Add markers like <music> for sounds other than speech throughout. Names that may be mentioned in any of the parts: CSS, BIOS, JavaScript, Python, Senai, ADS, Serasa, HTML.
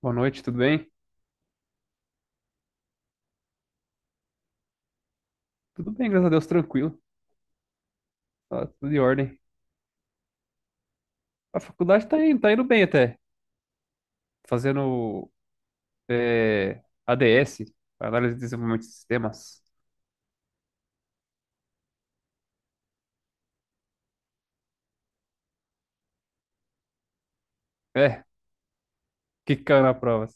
Boa noite, tudo bem? Tudo bem, graças a Deus, tranquilo. Tá tudo em ordem. A faculdade tá indo bem até. Fazendo ADS, Análise de Desenvolvimento de Sistemas. É, que caiu na prova.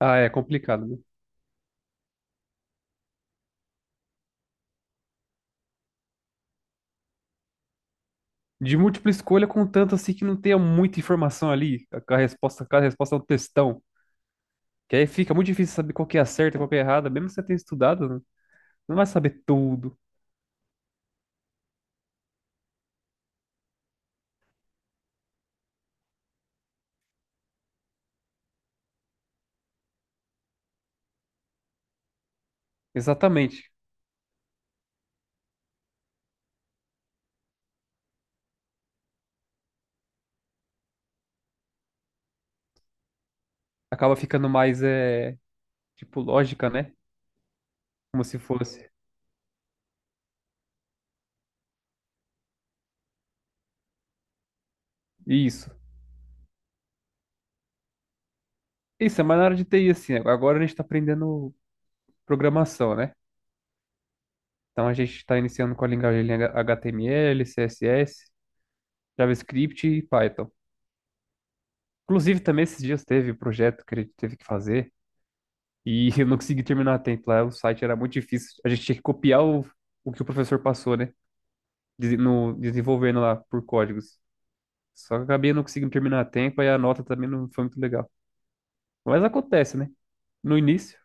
Ah, é complicado, né? De múltipla escolha, contanto assim que não tenha muita informação ali. A resposta, cada resposta é um textão. Que aí fica muito difícil saber qual que é a certa e qual que é a errada. Mesmo que você tenha estudado, né? Não vai saber tudo. Exatamente. Acaba ficando mais, tipo, lógica, né? Como se fosse. Isso. Isso, é mais na área de TI, assim. Agora a gente está aprendendo programação, né? Então a gente está iniciando com a linguagem HTML, CSS, JavaScript e Python. Inclusive, também esses dias teve um projeto que a gente teve que fazer e <laughs> eu não consegui terminar a tempo lá. O site era muito difícil. A gente tinha que copiar o que o professor passou, né? Dese- No, Desenvolvendo lá por códigos. Só que eu acabei não conseguindo terminar a tempo e a nota também não foi muito legal. Mas acontece, né? No início.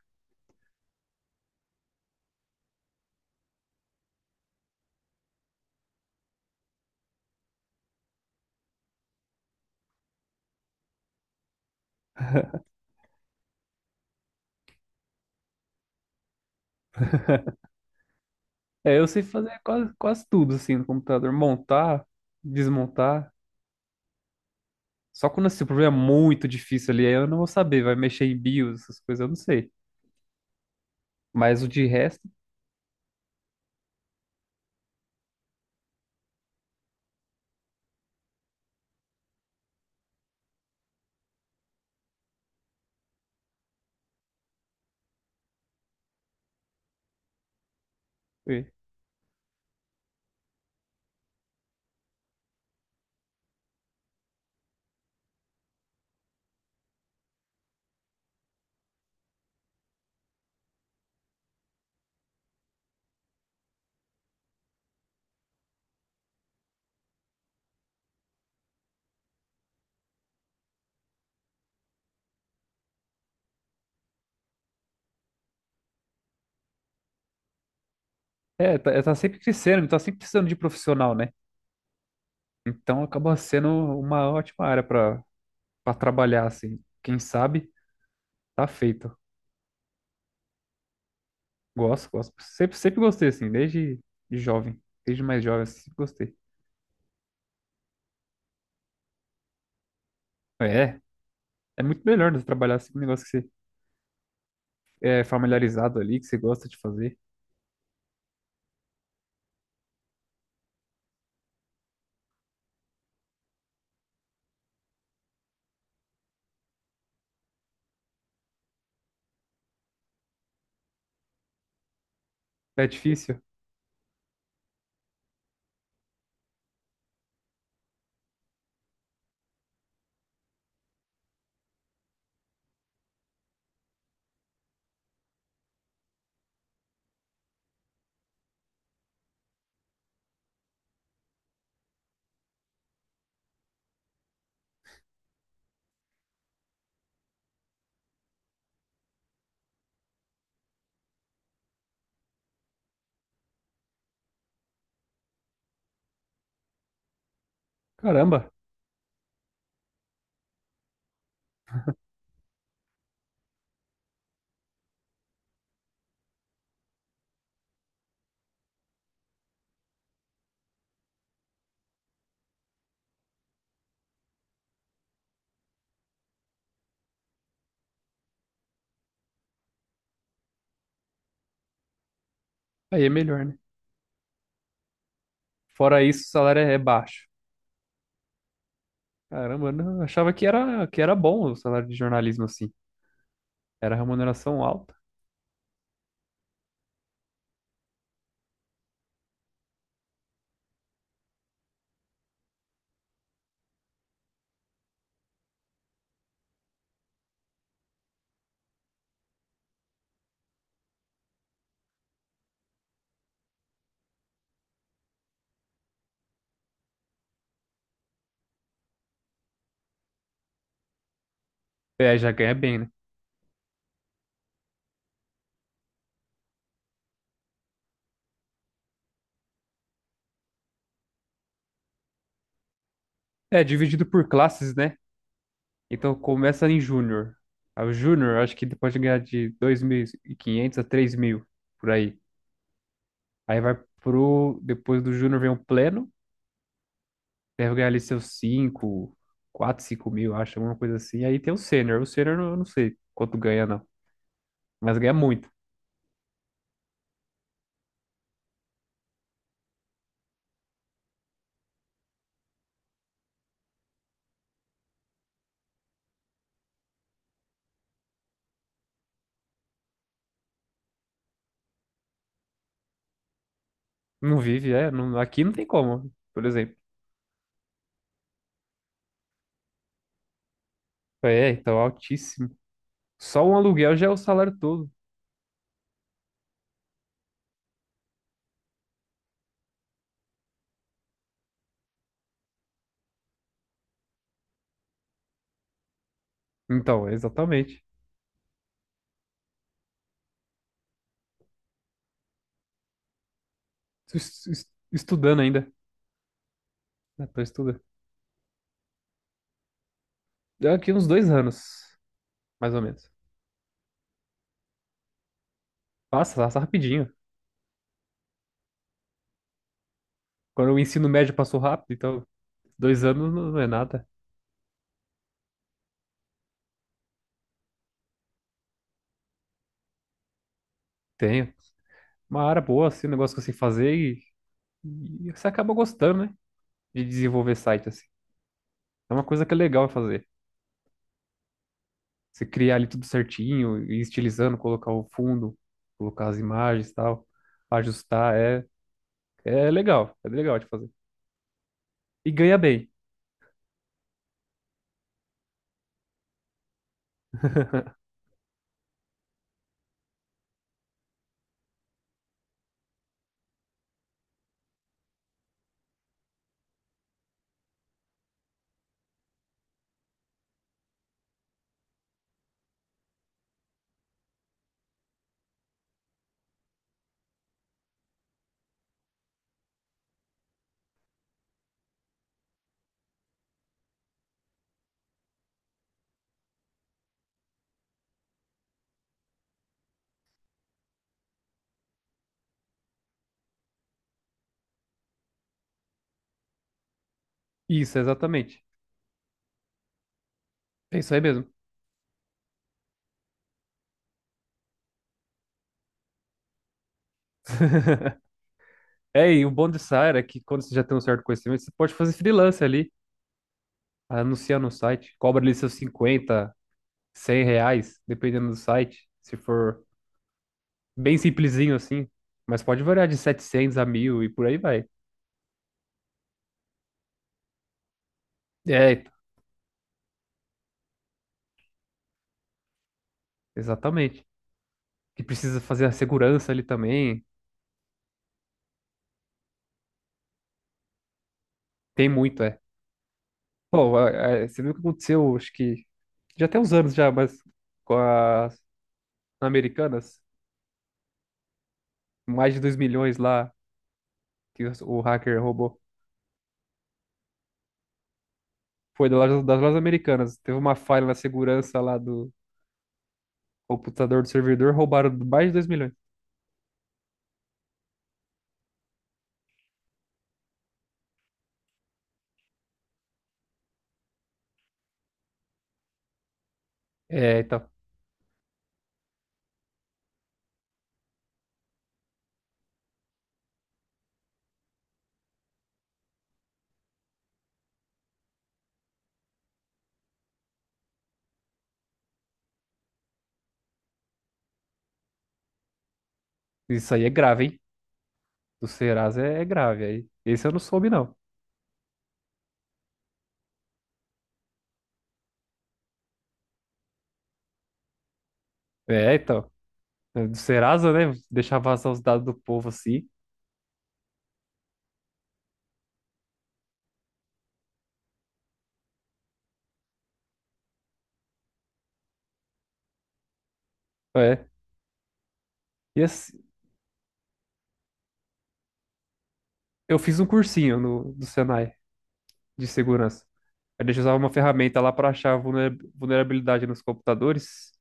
É, eu sei fazer quase tudo assim no computador. Montar, desmontar. Só quando assim, o problema é muito difícil ali, aí eu não vou saber, vai mexer em BIOS, essas coisas, eu não sei. Mas o de resto, é, tá sempre crescendo, tá sempre precisando de profissional, né? Então acaba sendo uma ótima área pra para trabalhar, assim. Quem sabe, tá feito. Gosto, gosto. Sempre gostei, assim, desde de jovem, desde mais jovem, assim, sempre gostei. É, é muito melhor né, trabalhar assim com um negócio que você é familiarizado ali, que você gosta de fazer. É difícil? Caramba, aí é melhor, né? Fora isso, o salário é baixo. Caramba, eu não, eu achava que era bom o salário de jornalismo, assim. Era remuneração alta. É, já ganha bem, né? É, dividido por classes, né? Então começa em júnior. Aí o júnior, acho que ele pode ganhar de 2.500 a 3.000 por aí. Aí vai pro... Depois do júnior vem o pleno. Deve ganhar ali seus 5, 4, 5.000, acho, alguma coisa assim. Aí tem o sênior. O sênior eu não sei quanto ganha, não. Mas ganha muito. Não vive, é. Aqui não tem como, por exemplo. É, então, altíssimo. Só um aluguel já é o salário todo. Então, exatamente. Tu Es- es- Estudando ainda. Eu tô estudando. Deu aqui uns dois anos, mais ou menos. Passa, passa rapidinho. Quando o ensino médio passou rápido, então, dois anos não é nada. Tenho. Uma área boa, assim, um negócio que eu sei fazer e você acaba gostando, né? De desenvolver site, assim. É uma coisa que é legal fazer. Você criar ali tudo certinho, ir estilizando, colocar o fundo, colocar as imagens e tal, ajustar, é legal de fazer. E ganha bem. Isso, exatamente. É isso aí mesmo. <laughs> É, e o bom dessa área é que quando você já tem um certo conhecimento, você pode fazer freelance ali, anunciar no site, cobra ali seus 50 100 reais, dependendo do site, se for bem simplesinho assim, mas pode variar de 700 a 1000 e por aí vai. É, exatamente. E precisa fazer a segurança ali também. Tem muito, é. Pô, a- Você viu o que aconteceu, acho que já tem uns anos já, mas com as americanas, mais de 2.000.000 lá que o hacker roubou. Foi das lojas americanas. Teve uma falha na segurança lá do computador do servidor, roubaram mais de 2.000.000. É, então, isso aí é grave, hein? Do Serasa é, é grave, aí. Esse eu não soube, não. É, então, é, do Serasa, né? Deixar vazar os dados do povo assim. É. E assim, eu fiz um cursinho no, do Senai de segurança. A gente usava uma ferramenta lá para achar vulnerabilidade nos computadores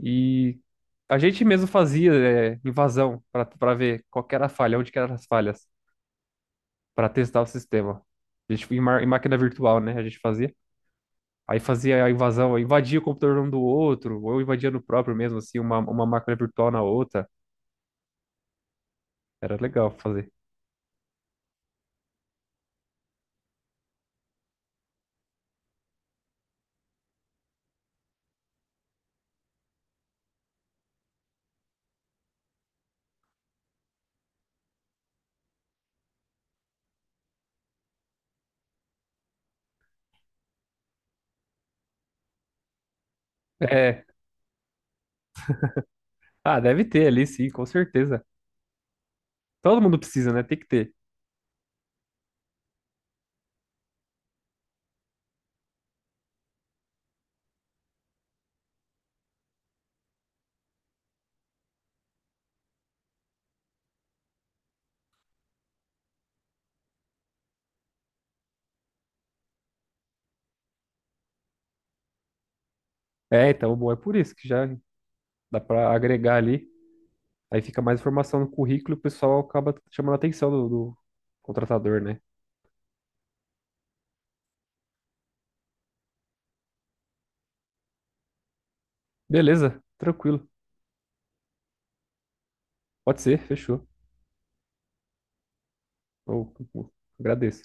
e a gente mesmo fazia invasão para ver qual que era a falha, onde que eram as falhas, para testar o sistema. A gente em máquina virtual, né? A gente fazia. Aí fazia a invasão, invadia o computador um do outro, ou invadia no próprio mesmo, assim, uma máquina virtual na outra. Era legal fazer. É. Ah, deve ter ali, sim, com certeza. Todo mundo precisa, né? Tem que ter. É, então, bom, é por isso que já dá para agregar ali. Aí fica mais informação no currículo e o pessoal acaba chamando a atenção do contratador, né? Beleza, tranquilo. Pode ser, fechou. Eu- eu- Agradeço.